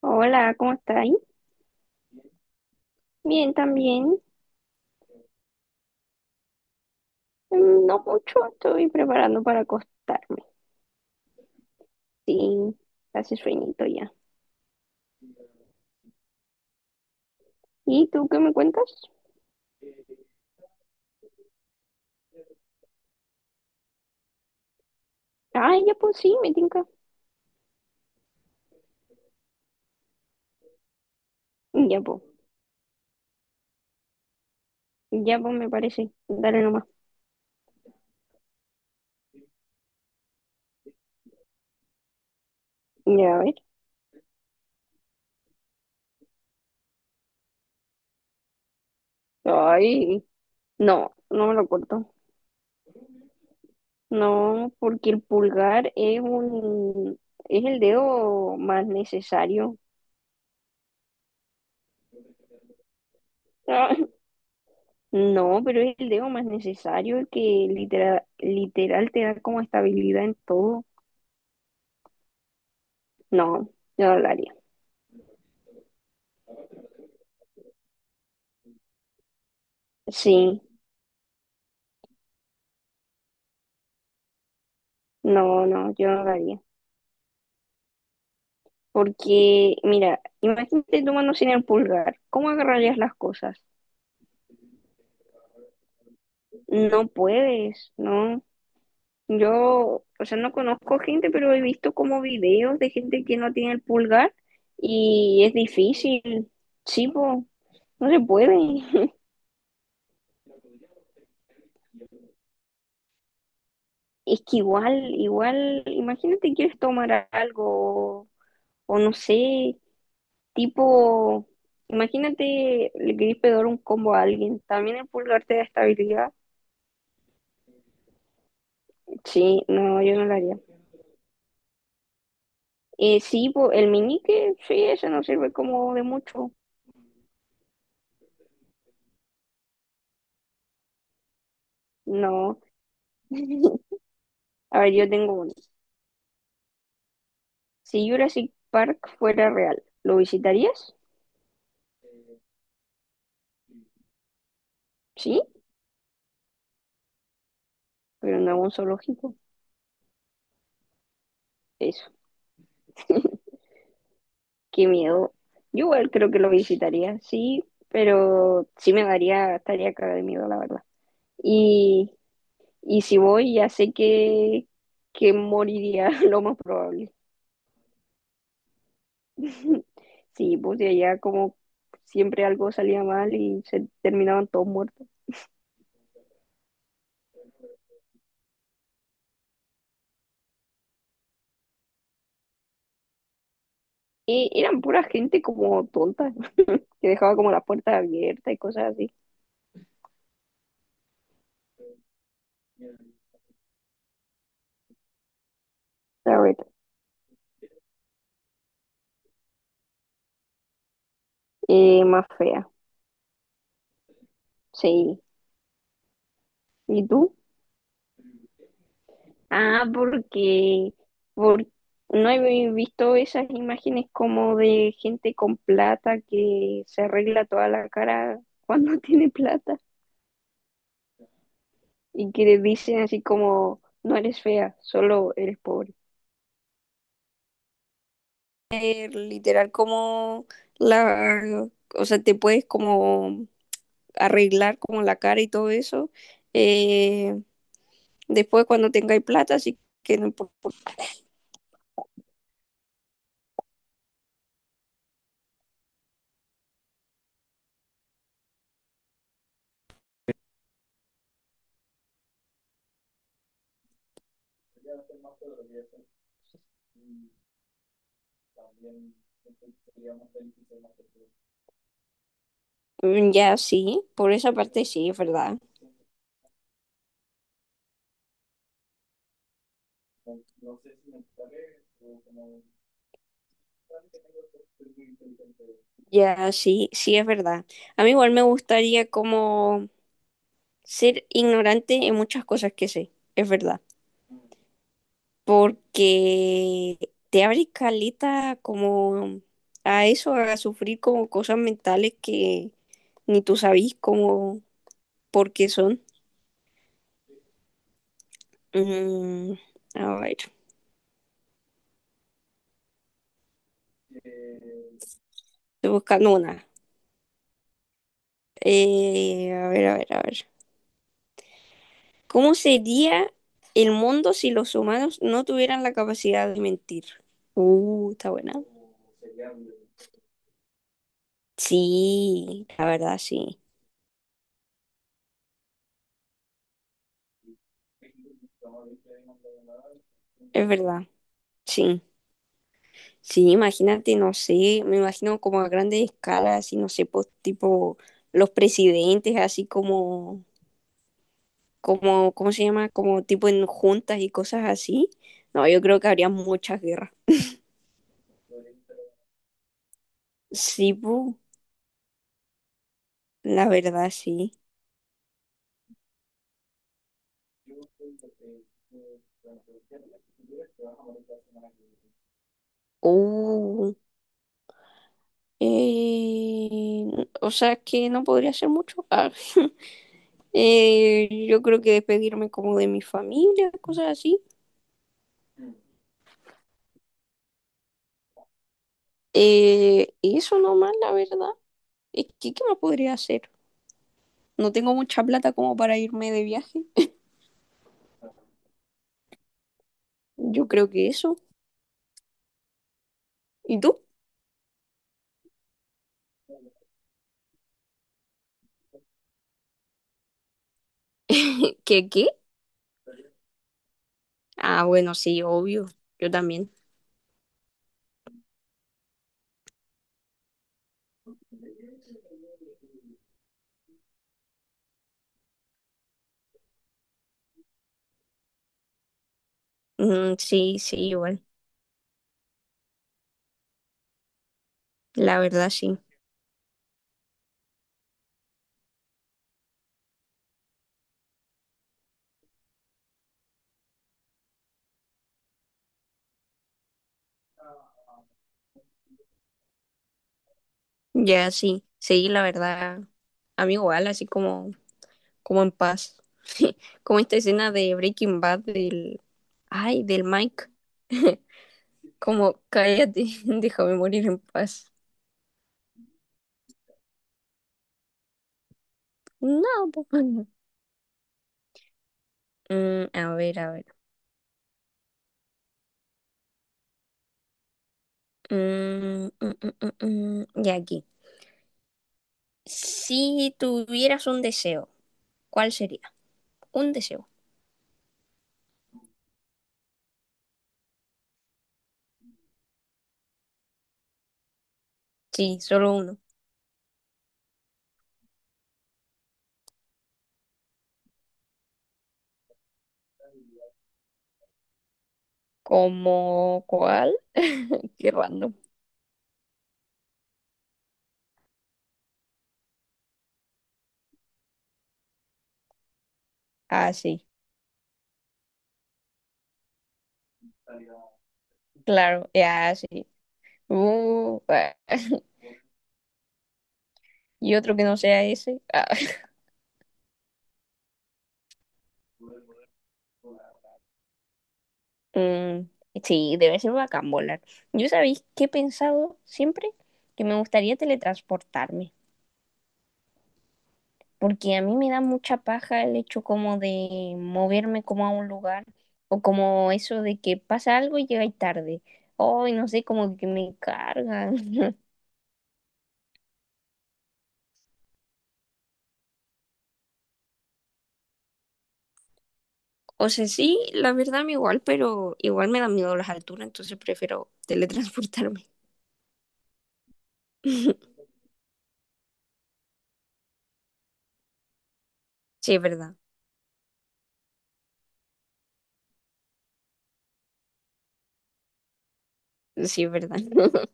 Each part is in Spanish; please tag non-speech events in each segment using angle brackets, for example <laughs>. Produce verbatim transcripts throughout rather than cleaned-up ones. Hola, ¿cómo estáis? Bien, también. Mm, No mucho, estoy preparando para acostarme. Sí, hace sueñito ya. ¿Y tú qué me cuentas? Ah, ya pues sí, me tinca. Ya pues, ya pues me parece. Dale nomás. Ya, a ver. Ay, no, no me lo corto. No, porque el pulgar es un, es el dedo más necesario. Ah, <laughs> No, pero es el dedo más necesario, el que literal, literal te da como estabilidad en todo. No, yo no lo haría. Sí, no, no, yo no lo haría. Porque, mira, imagínate tu mano sin el pulgar. ¿Cómo agarrarías las cosas? No puedes, ¿no? Yo, o sea, no conozco gente, pero he visto como videos de gente que no tiene el pulgar y es difícil. Sí, po, no se puede. <laughs> Es que igual, igual, imagínate quieres tomar algo o no sé, Tipo, imagínate, le querés pegar un combo a alguien. También el pulgar te da estabilidad. Sí, no, yo no lo haría. Eh, sí, po, el meñique, sí, ese no sirve como de mucho. No. <laughs> A ver, yo tengo uno. Si Jurassic Park fuera real, ¿lo visitarías? Sí, pero no es un zoológico. Eso, qué miedo. Yo igual creo que lo visitaría, sí, pero sí me daría, estaría cara de miedo, la verdad. Y Y si voy, ya sé que, que moriría <laughs> lo más probable. <laughs> Sí, pues de allá como siempre algo salía mal y se terminaban todos muertos. Y eran pura gente como tonta, <laughs> que dejaba como las puertas abiertas y cosas así. A ver, eh, más fea, sí. ¿Y tú? Ah, porque, por- no he visto esas imágenes como de gente con plata que se arregla toda la cara cuando <laughs> tiene plata. Y que le dicen así como, no eres fea, solo eres pobre. Eh, literal como la, o sea, te puedes como arreglar como la cara y todo eso. eh, Después cuando tengáis plata, así que no importa. Mm, Ya sí, por esa parte sí, es verdad. Ya sí, sí es verdad. A mí igual me gustaría como ser ignorante en muchas cosas que sé, es verdad. Porque te abre caleta como a eso, a sufrir como cosas mentales que ni tú sabís como por qué son. Mm, a ver, estoy buscando una. Eh, a ver, a ver, a ver. ¿Cómo sería el mundo si los humanos no tuvieran la capacidad de mentir? Uh, está buena. Sí, la verdad, sí. Es verdad, sí. Sí, imagínate, no sé, me imagino como a grandes escalas, así, no sé, pues tipo los presidentes, así como, como, ¿cómo se llama? Como tipo en juntas y cosas así. No, yo creo que habría muchas guerras. Sí, pu, la verdad, sí. Uh, eh, o sea que no podría hacer mucho. Ah, <laughs> eh, yo creo que despedirme como de mi familia, cosas así. Eh, y eso nomás, la verdad. Es que, ¿qué más podría hacer? No tengo mucha plata como para irme de viaje. Yo creo que eso. ¿Y tú? ¿Qué, qué? Ah, bueno, sí, obvio. Yo también. Mm, sí, sí, igual. La verdad, sí. Ya, sí. Sí, la verdad. A mí igual, así como, como en paz. <laughs> Como esta escena de Breaking Bad del... Ay, del Mike. <laughs> Como, cállate, <laughs> déjame morir en paz. No, po. <laughs> Mm, a ver, a ver. Mm, mm, mm, mm, mm, Ya aquí. Si tuvieras un deseo, ¿cuál sería? Un deseo. Sí, solo uno. ¿Como cuál? Qué random. Ah, sí, claro, ya, sí. Uh, ah, y otro que no sea ese. Ah, <laughs> mm, sí, debe ser bacán volar. Yo sabéis que he pensado siempre que me gustaría teletransportarme. Porque a mí me da mucha paja el hecho como de moverme como a un lugar o como eso de que pasa algo y llegáis tarde. Ay, no sé, como que me cargan. <laughs> O sea, sí, la verdad me igual, pero igual me dan miedo las alturas, entonces prefiero teletransportarme. <laughs> Sí, es verdad. Sí, es verdad. <laughs>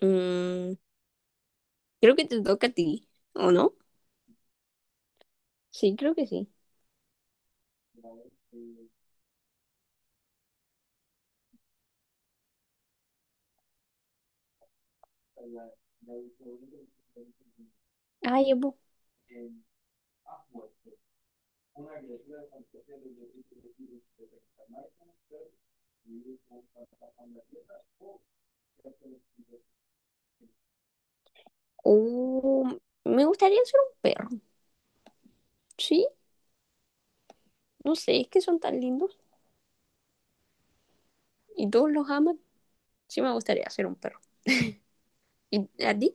Mm, Creo que te toca a ti, ¿o no? Sí, creo que sí. Ay, llevo. Oh, me gustaría ser un perro. Sí, no sé, es que son tan lindos y todos los aman. Sí me gustaría ser un perro. ¿Y a ti?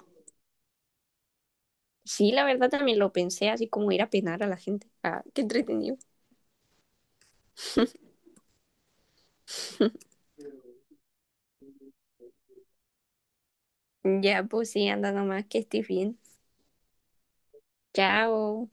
Sí, la verdad también lo pensé, así como ir a penar a la gente. Ah, qué entretenido. Ya, pues sí, anda nomás, que estés bien. Chao.